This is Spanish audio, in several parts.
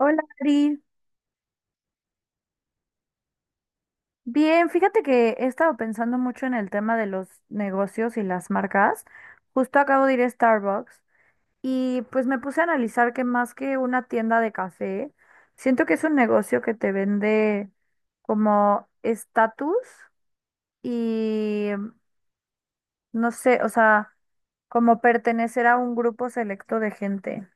Hola, Ari. Bien, fíjate que he estado pensando mucho en el tema de los negocios y las marcas. Justo acabo de ir a Starbucks y pues me puse a analizar que más que una tienda de café, siento que es un negocio que te vende como estatus y no sé, o sea, como pertenecer a un grupo selecto de gente.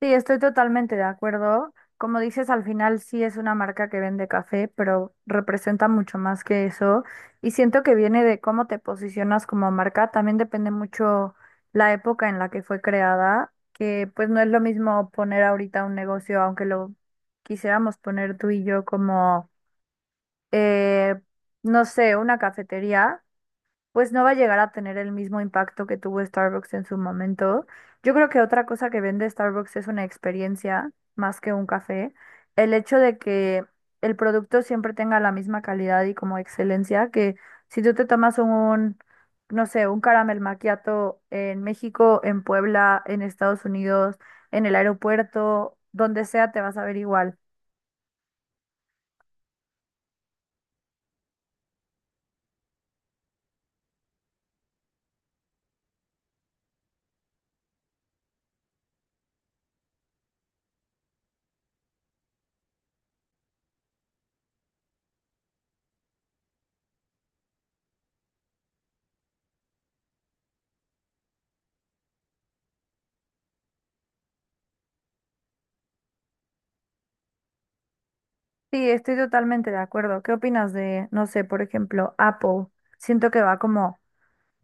Sí, estoy totalmente de acuerdo. Como dices, al final sí es una marca que vende café, pero representa mucho más que eso. Y siento que viene de cómo te posicionas como marca. También depende mucho la época en la que fue creada, que pues no es lo mismo poner ahorita un negocio, aunque lo quisiéramos poner tú y yo como, eh, no sé, una cafetería pues no va a llegar a tener el mismo impacto que tuvo Starbucks en su momento. Yo creo que otra cosa que vende Starbucks es una experiencia más que un café. El hecho de que el producto siempre tenga la misma calidad y como excelencia, que si tú te tomas un, no sé, un caramel macchiato en México, en Puebla, en Estados Unidos, en el aeropuerto, donde sea, te vas a ver igual. Sí, estoy totalmente de acuerdo. ¿Qué opinas de, no sé, por ejemplo, Apple? Siento que va como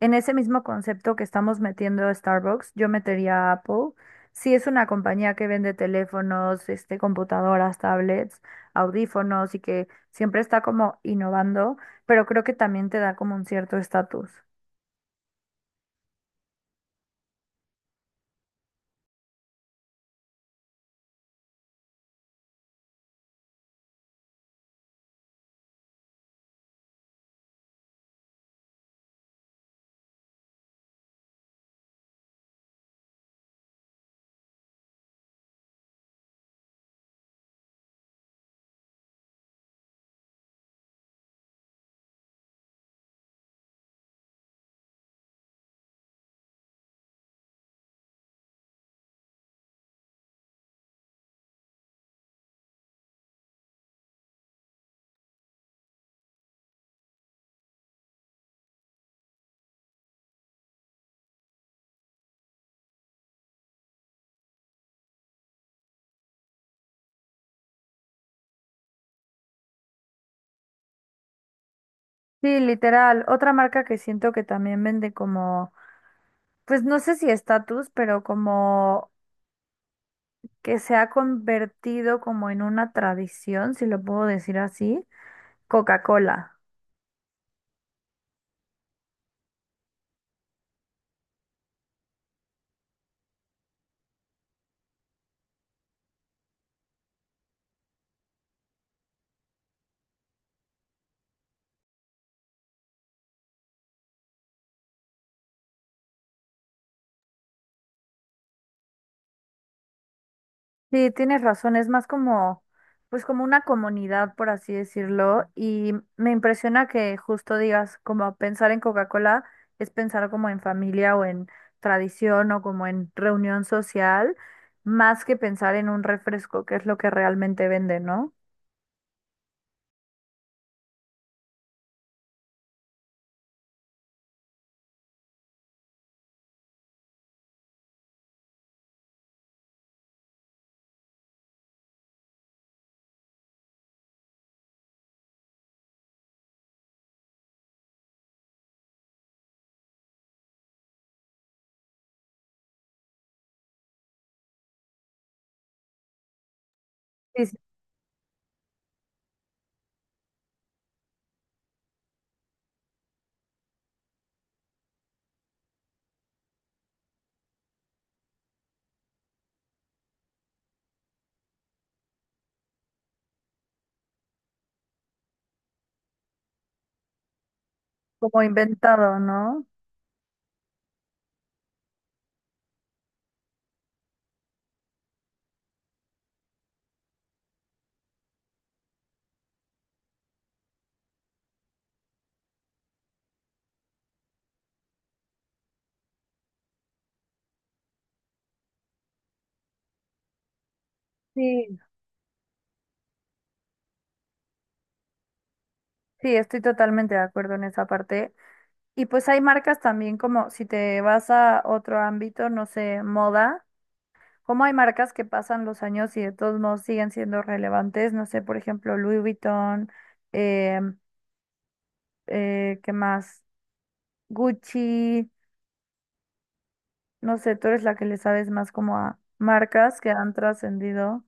en ese mismo concepto que estamos metiendo Starbucks, yo metería a Apple. Sí es una compañía que vende teléfonos, este, computadoras, tablets, audífonos y que siempre está como innovando, pero creo que también te da como un cierto estatus. Sí, literal. Otra marca que siento que también vende como, pues no sé si estatus, pero como que se ha convertido como en una tradición, si lo puedo decir así, Coca-Cola. Sí, tienes razón, es más como, pues como una comunidad, por así decirlo, y me impresiona que justo digas, como pensar en Coca-Cola es pensar como en familia o en tradición o como en reunión social, más que pensar en un refresco, que es lo que realmente vende, ¿no? Sí, sí, como inventado, ¿no? Sí, sí, estoy totalmente de acuerdo en esa parte. Y pues hay marcas también como, si te vas a otro ámbito, no sé, moda. Como hay marcas que pasan los años y de todos modos siguen siendo relevantes, no sé, por ejemplo, Louis Vuitton, eh, ¿qué más? Gucci, no sé, tú eres la que le sabes más como a marcas que han trascendido.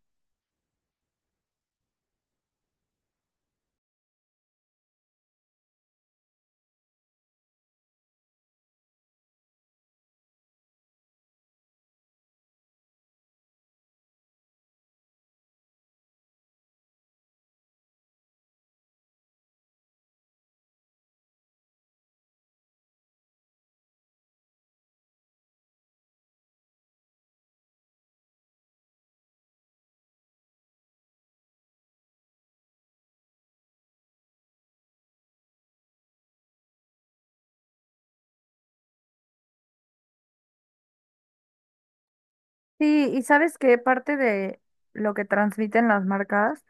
Sí, y sabes que parte de lo que transmiten las marcas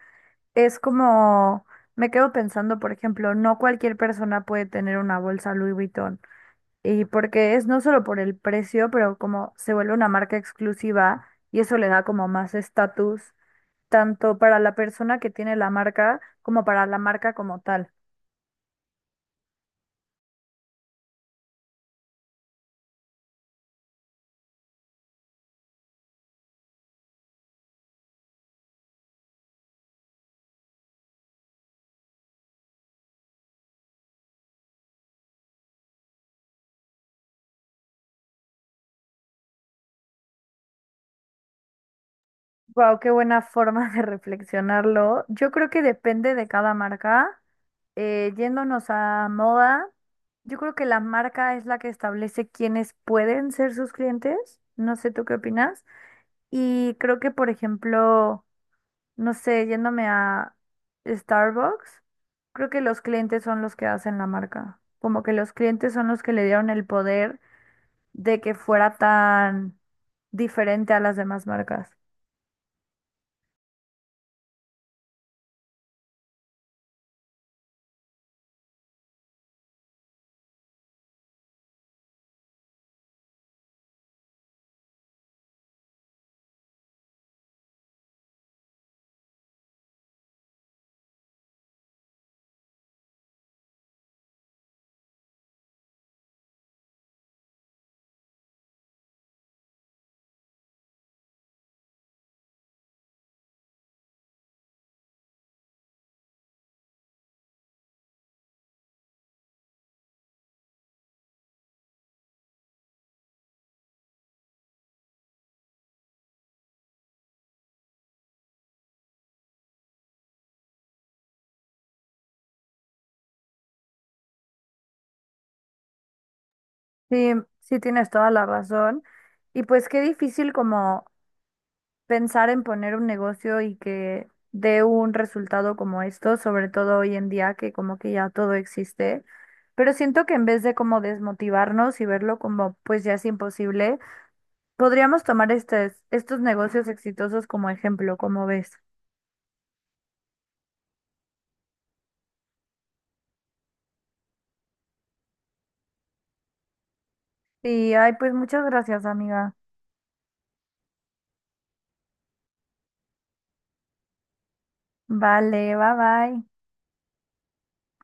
es como, me quedo pensando, por ejemplo, no cualquier persona puede tener una bolsa Louis Vuitton. Y porque es no solo por el precio, pero como se vuelve una marca exclusiva y eso le da como más estatus, tanto para la persona que tiene la marca como para la marca como tal. Wow, qué buena forma de reflexionarlo. Yo creo que depende de cada marca. Yéndonos a moda, yo creo que la marca es la que establece quiénes pueden ser sus clientes. No sé tú qué opinas. Y creo que, por ejemplo, no sé, yéndome a Starbucks, creo que los clientes son los que hacen la marca. Como que los clientes son los que le dieron el poder de que fuera tan diferente a las demás marcas. Sí, sí tienes toda la razón. Y pues qué difícil como pensar en poner un negocio y que dé un resultado como esto, sobre todo hoy en día que como que ya todo existe. Pero siento que en vez de como desmotivarnos y verlo como pues ya es imposible, podríamos tomar estos negocios exitosos como ejemplo, como ves. Sí, ay, pues muchas gracias, amiga. Vale, bye bye.